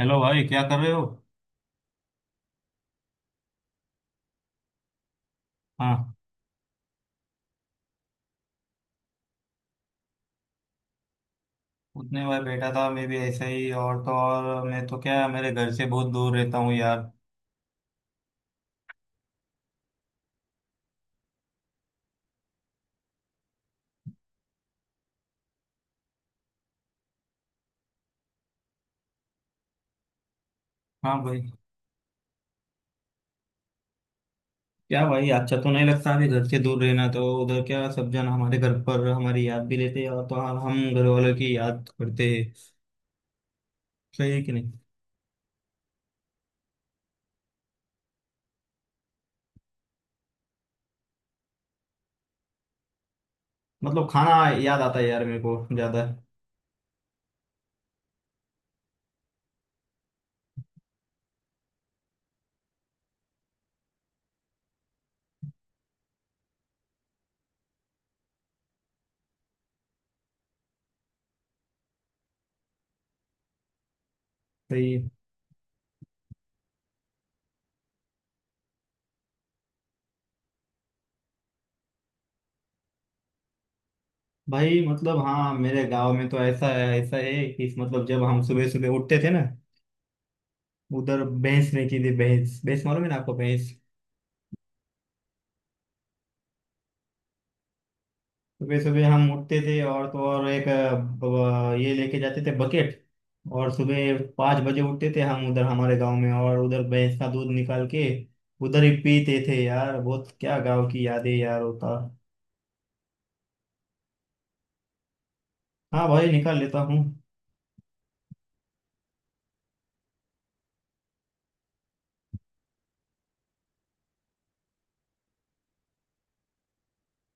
Hello भाई, क्या कर रहे हो? हाँ। उतने बार बैठा था मैं भी ऐसा ही। और तो और मैं तो क्या, मेरे घर से बहुत दूर रहता हूँ यार। हाँ भाई। क्या भाई, अच्छा तो नहीं लगता अभी घर से दूर रहना। तो उधर क्या, सब जन हमारे घर पर हमारी याद भी लेते हैं और तो और हम घर वालों की याद करते हैं। सही है कि नहीं? मतलब खाना याद आता है यार मेरे को ज्यादा। सही है। भाई मतलब हाँ, मेरे गांव में तो ऐसा है कि मतलब जब हम सुबह सुबह उठते थे ना, उधर भैंस नहीं थी। भैंस भैंस मालूम है ना आपको, भैंस? सुबह सुबह हम उठते थे और तो और एक ये लेके जाते थे बकेट। और सुबह 5 बजे उठते थे हम उधर हमारे गांव में, और उधर भैंस का दूध निकाल के उधर ही पीते थे यार। बहुत क्या गांव की यादें यार होता। हाँ भाई, निकाल लेता हूँ।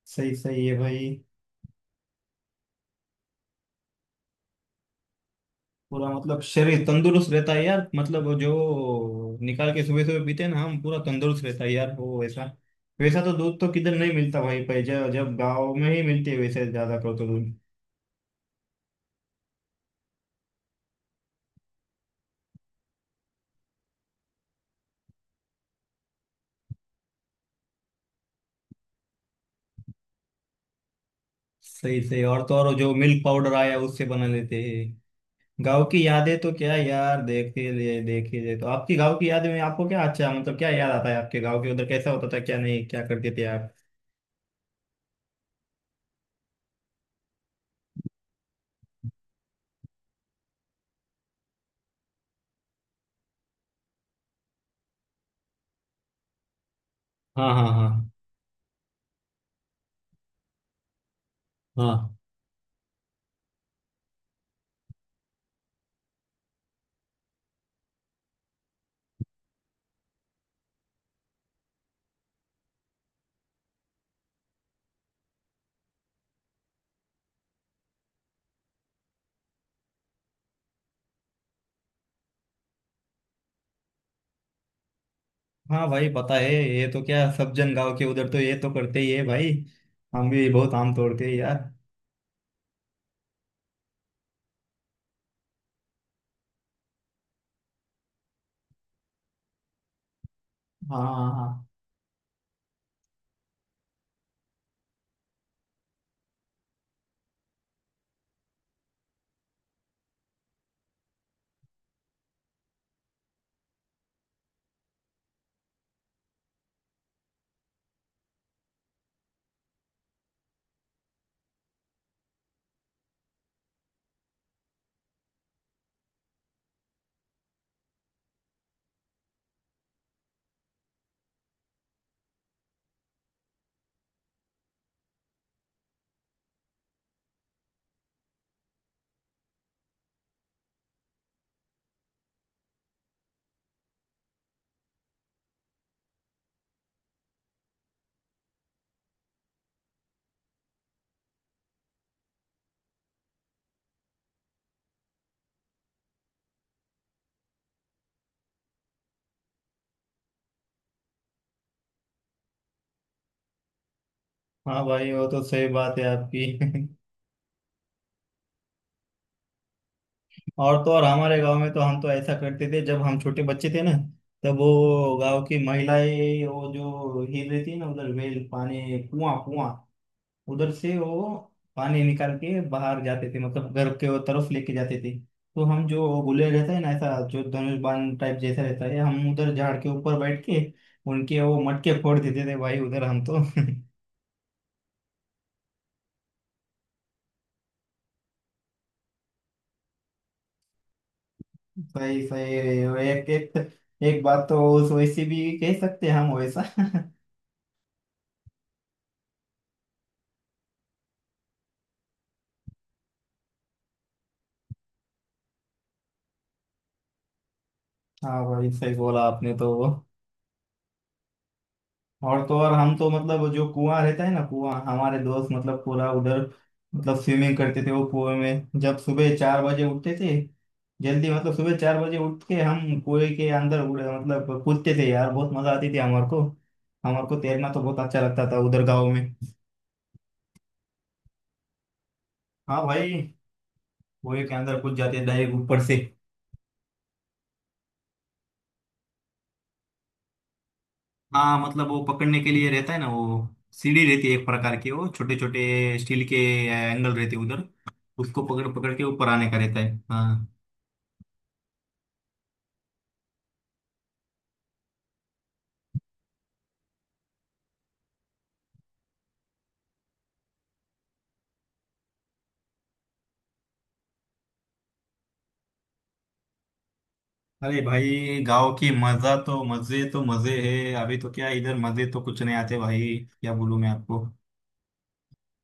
सही, सही है भाई। पूरा मतलब शरीर तंदुरुस्त रहता है यार, मतलब जो निकाल के सुबह सुबह पीते हैं ना हम, पूरा तंदुरुस्त रहता है यार। वो वैसा, वैसा तो दूध तो किधर नहीं मिलता भाई। पहले जब जब गाँव में ही मिलती है वैसे, ज्यादा कर तो दूध। सही सही। और तो और जो मिल्क पाउडर आया, उससे बना लेते हैं। गांव की यादें तो क्या यार, देखे ले देखे ले, तो आपकी गांव की यादें में आपको क्या अच्छा मतलब क्या याद आता है? आपके गांव के उधर कैसा होता था, क्या नहीं क्या करते थे आप? हाँ हाँ हाँ। हाँ। हाँ भाई, पता है ये तो। क्या सब जन गांव के उधर तो ये तो करते ही है भाई। हम भी बहुत आम तोड़ते हैं यार। हाँ हाँ हाँ। हाँ भाई, वो तो सही बात है आपकी। और तो और हमारे गांव में तो हम तो ऐसा करते थे जब हम छोटे बच्चे थे ना। तब वो गांव की महिलाएं, वो जो हिल रही थी ना उधर, वेल, पानी, कुआं कुआं, उधर से वो पानी निकाल के बाहर जाते थे, मतलब घर के वो तरफ लेके जाते थे। तो हम जो गुले रहता है ना ऐसा, जो धनुष बाण टाइप जैसा रहता है, हम उधर झाड़ के ऊपर बैठ के उनके वो मटके फोड़ देते थे भाई, उधर हम तो। सही सही। एक एक, एक बात तो वैसे भी कह सकते हैं हम वैसा। हाँ भाई सही बोला आपने तो वो। और तो और हम तो मतलब जो कुआं रहता है ना कुआं, हमारे दोस्त मतलब पूरा उधर मतलब स्विमिंग करते थे वो कुएं में, जब सुबह 4 बजे उठते थे जल्दी, मतलब सुबह 4 बजे उठ के हम कुएं के अंदर उड़े मतलब कूदते थे यार। बहुत मजा आती थी हमारे को। हमारे को तैरना तो बहुत अच्छा लगता था उधर गाँव में। हाँ भाई। कुएं के अंदर कूद जाते डायरेक्ट ऊपर से। हाँ मतलब वो पकड़ने के लिए रहता है ना वो, सीढ़ी रहती है एक प्रकार की, वो छोटे छोटे स्टील के एंगल रहते हैं उधर, उसको पकड़ पकड़ के ऊपर आने का रहता है। हाँ। अरे भाई गांव की मजा तो, मजे तो मजे है। अभी तो क्या इधर, मजे तो कुछ नहीं आते भाई, क्या बोलूं मैं आपको।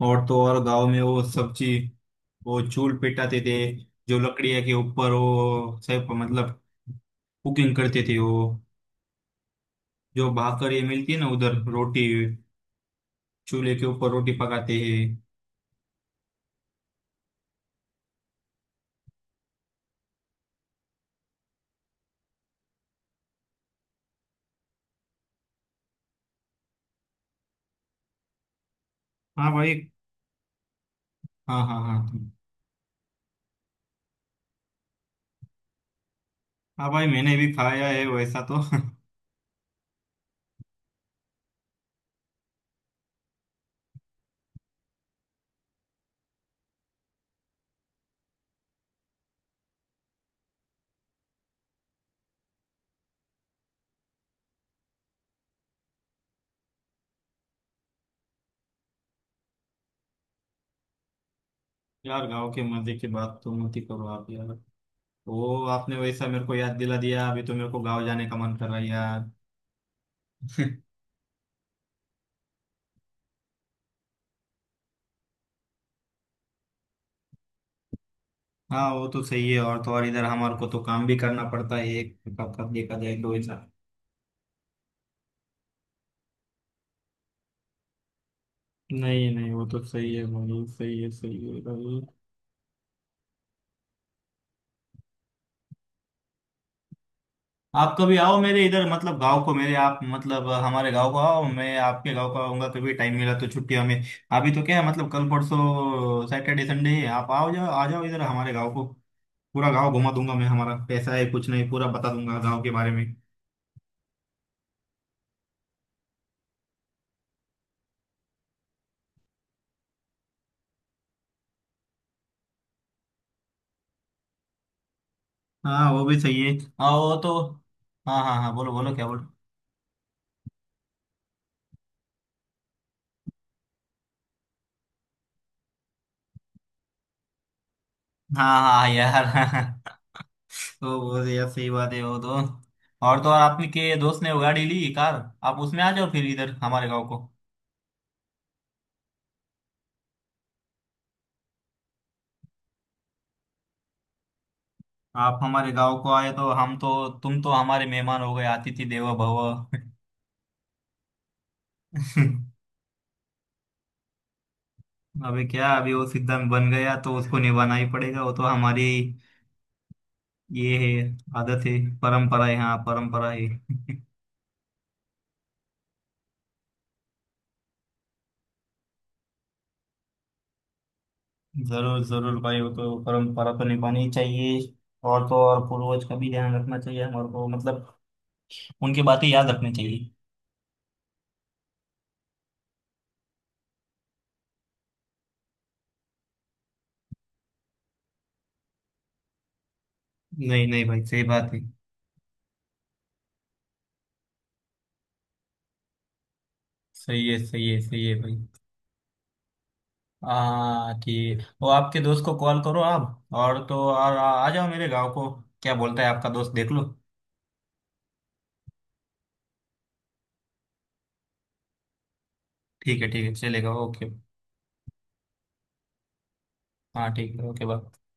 और तो और गांव में वो सब्जी, वो चूल पिटाते थे, जो लकड़िया के ऊपर वो सब मतलब कुकिंग करते थे वो। जो भाकर ये मिलती है ना उधर, रोटी चूल्हे के ऊपर रोटी पकाते हैं। हाँ भाई। हाँ हाँ हाँ। हाँ भाई मैंने भी खाया है वैसा तो। यार गांव के मजे की बात तो मत ही करो आप यार। वो आपने वैसा मेरे को याद दिला दिया, अभी तो मेरे को गांव जाने का मन कर रहा है यार। हाँ वो तो सही है। और तो और इधर हमारे को तो काम भी करना पड़ता है। एक कब कब देखा जाए तो ऐसा। नहीं नहीं, वो तो सही है भाई, सही है भाई। आप कभी आओ मेरे इधर मतलब गांव को मेरे, आप मतलब हमारे गांव को आओ, मैं आपके गांव को आऊंगा कभी टाइम मिला तो छुट्टियों में। अभी तो क्या है मतलब, कल परसों सैटरडे संडे है, आप आओ जाओ, आ जाओ इधर हमारे गांव को। पूरा गांव घुमा दूंगा मैं, हमारा कैसा है कुछ नहीं पूरा बता दूंगा गांव के बारे में। हाँ वो भी सही है। हाँ वो तो। हाँ हाँ हाँ, बोलो बोलो क्या बोलो। हाँ हाँ हाँ, यार। तो वो तो यार सही बात है वो तो। और तो और आपके दोस्त ने वो गाड़ी ली, कार। आप उसमें आ जाओ फिर इधर हमारे गांव को। आप हमारे गांव को आए तो हम तो, तुम तो हमारे मेहमान हो गए। अतिथि देवो भव। अबे क्या, अभी वो सिद्धांत बन गया तो उसको निभाना ही पड़ेगा, वो तो हमारी ये है। आदत है। परंपरा है, हाँ परंपरा है। जरूर जरूर भाई, वो तो परंपरा तो निभानी ही चाहिए। और तो और पूर्वज का भी ध्यान रखना चाहिए हमारे को, मतलब उनकी बातें याद रखनी चाहिए। नहीं नहीं भाई सही बात है। सही है सही है सही है भाई। हाँ ठीक, वो आपके दोस्त को कॉल करो आप, और तो और आ जाओ मेरे गांव को। क्या बोलता है आपका दोस्त, देख लो। ठीक है चलेगा, ओके। हाँ ठीक है, ओके बाय।